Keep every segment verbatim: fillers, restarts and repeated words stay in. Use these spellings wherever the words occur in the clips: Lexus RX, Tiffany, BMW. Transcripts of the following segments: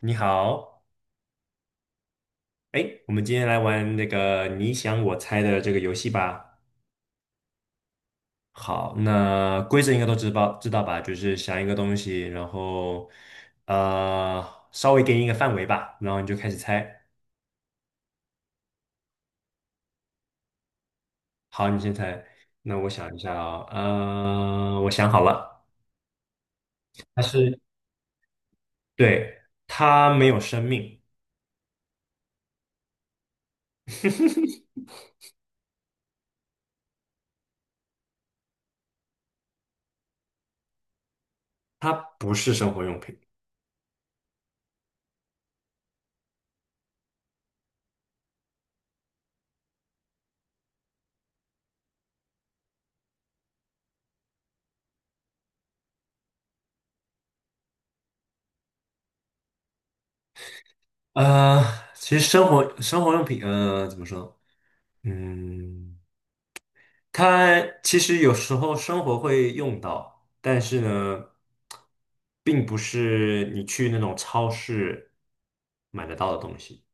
你好，哎，我们今天来玩那个你想我猜的这个游戏吧。好，那规则应该都知道知道吧？就是想一个东西，然后呃，稍微给你一个范围吧，然后你就开始猜。好，你先猜。那我想一下啊、呃，我想好了，它是，对，它没有生命。它不是生活用品。呃，其实生活生活用品，呃，怎么说呢嗯。它其实有时候生活会用到，但是呢，并不是你去那种超市买得到的东西。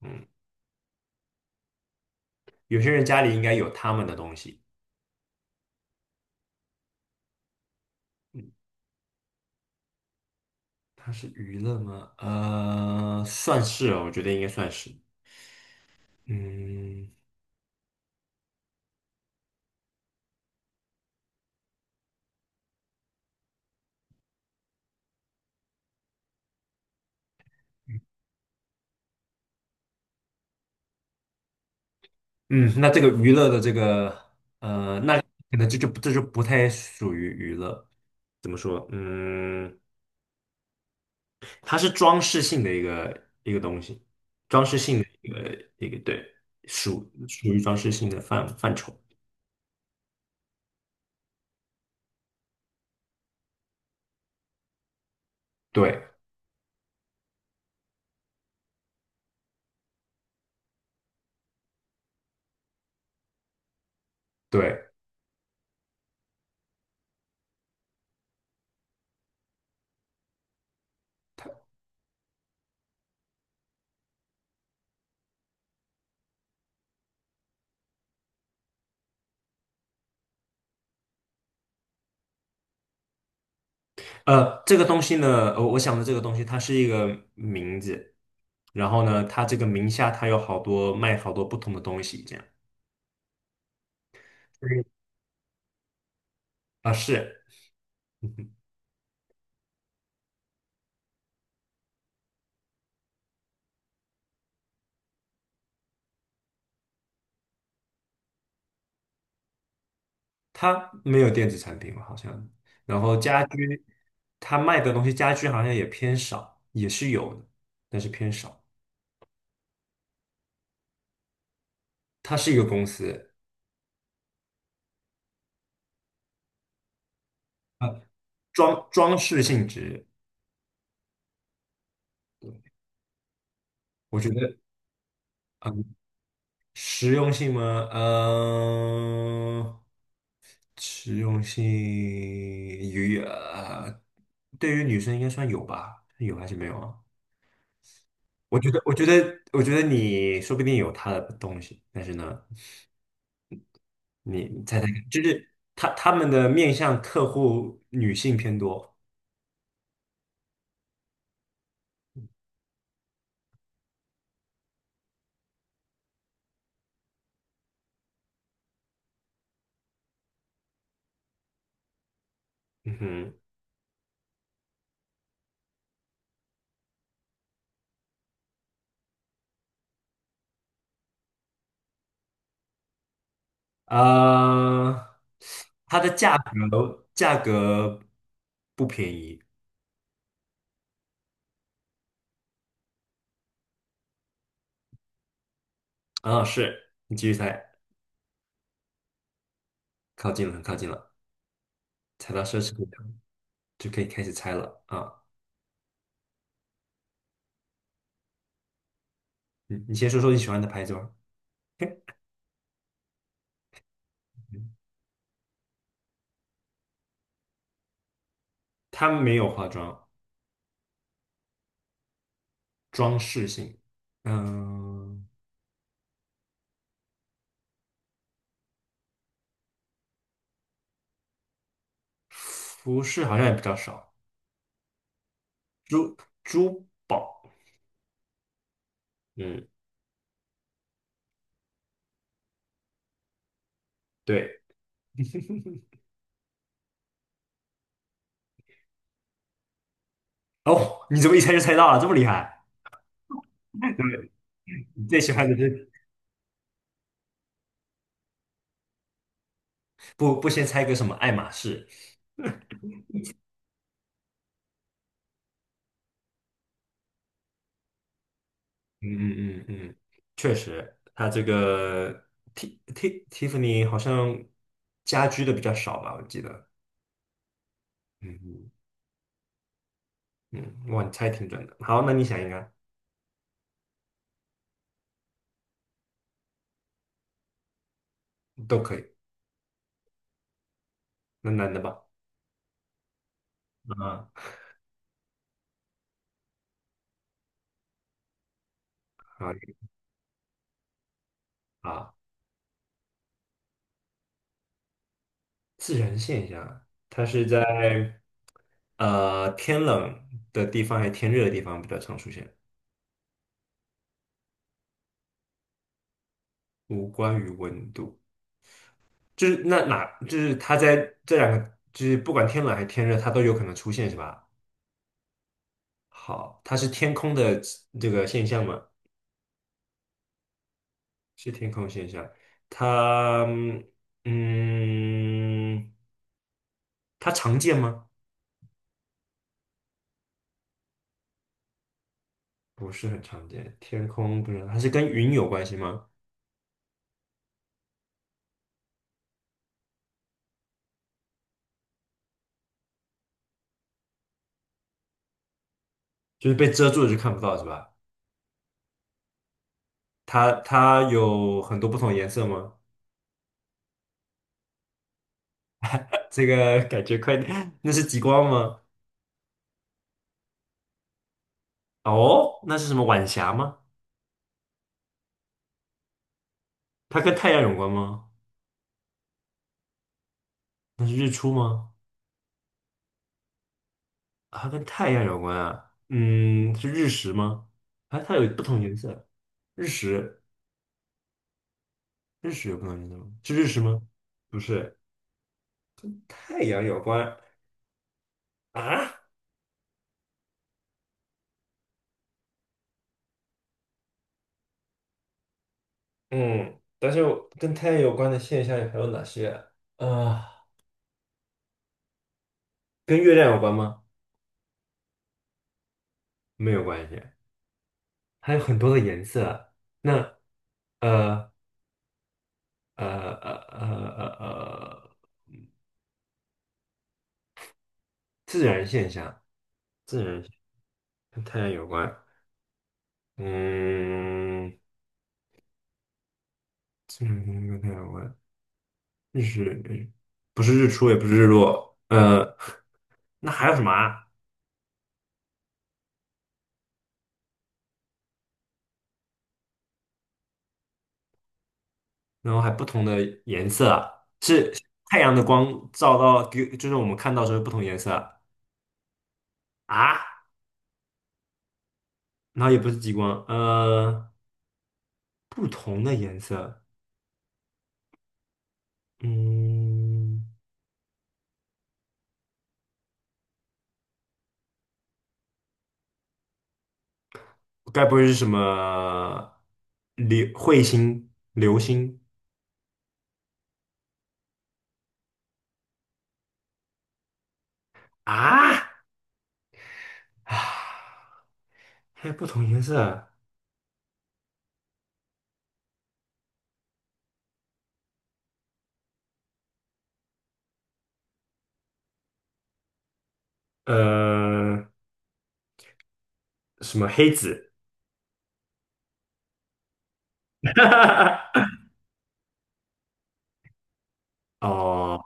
嗯，有些人家里应该有他们的东西。它是娱乐吗？呃，算是哦，我觉得应该算是。嗯嗯，那这个娱乐的这个，可能这就这就不太属于娱乐。怎么说？嗯，它是装饰性的一个一个东西。一个一个对，属属于装饰性的范范畴。对对，呃，这个东西呢，我我想的这个东西，它是一个名字，然后呢，它这个名下它有好多卖好多不同的东西，这样。嗯啊，是，嗯哼，它没有电子产品好像，然后家居，它卖的东西家居好像也偏少，也是有的，但是偏少。它是一个公司，啊，装装饰性质，对，我觉得。嗯。实用性吗？嗯、实用性与呃，对于女生应该算有吧？有还是没有啊？我觉得，我觉得，我觉得你说不定有她的东西，但是呢，你猜猜看，他他们的面向客户女性偏多。嗯哼，呃，它的价格价格不便宜啊，是，你继续猜，靠近了，很靠近了，猜到奢侈品。就可以开始猜了啊。你你先说说你喜欢的牌子吧。OK， 它没有化妆，装饰性，嗯，服饰好像也比较少，珠珠宝，嗯，对。哦，你怎么一猜就猜到了，这么厉害？对，你最喜欢的是不不先猜个什么爱马仕？嗯嗯嗯嗯，确实，它这个 T T Tiffany 好像家居的比较少吧，我记得。嗯嗯嗯，哇，你猜挺准的。好，那你想一个啊。都可以。那男的吧，啊，可以啊。自然现象，它是在呃天冷的地方还是天热的地方比较常出现，无关于温度。就是那哪，就是它在这两个，就是不管天冷还是天热，它都有可能出现，是吧？好，它是天空的这个现象吗？是天空现象。它嗯，它常见吗？不是很常见。天空不是，它是跟云有关系吗？就是被遮住了就看不到是吧？它它有很多不同颜色吗？这个感觉快点。 那是极光吗？哦，那是什么晚霞吗？它跟太阳有关吗？那是日出吗？啊，它跟太阳有关啊？嗯，是日食吗？啊，它有不同颜色，日食，日食有不同颜色吗？是日食吗？不是，太阳有关啊？嗯，但是我跟太阳有关的现象还有哪些啊？呃跟月亮有关吗？没有关系。还有很多的颜色。那呃呃呃呃呃呃，自然现象，自然现跟太阳有关。嗯，自然现象跟太阳有关。日是不是日出，也不是日落。呃，那还有什么啊？然后还不同的颜色啊，是太阳的光照到，给就是我们看到的时候不同颜色啊。啊，然后也不是极光，呃，不同的颜色。嗯。该不会是什么呃流彗星、流星啊？啊，还有不同颜色，呃，什么黑子？哦，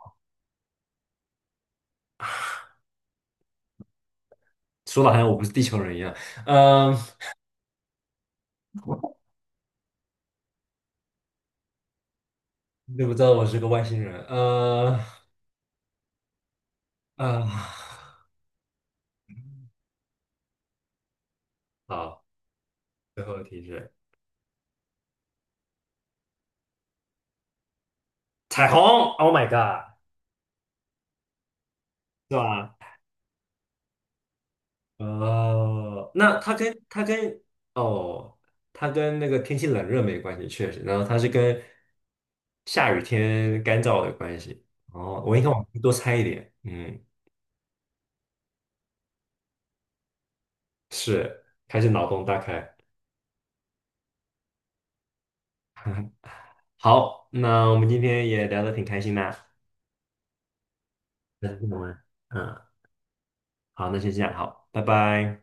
说的好像我不是地球人一样，嗯、你怎么知道我是个外星人？呃，呃，好，最后一题是彩虹，Oh my God，是吧？哦，那它跟它跟哦，它跟那个天气冷热没关系，确实。然后它是跟下雨天干燥的关系。哦，我应该往多猜一点。嗯，是，还是脑洞大开。好，那我们今天也聊得挺开心的啊。那是什么？嗯，好，那先这样，好，拜拜。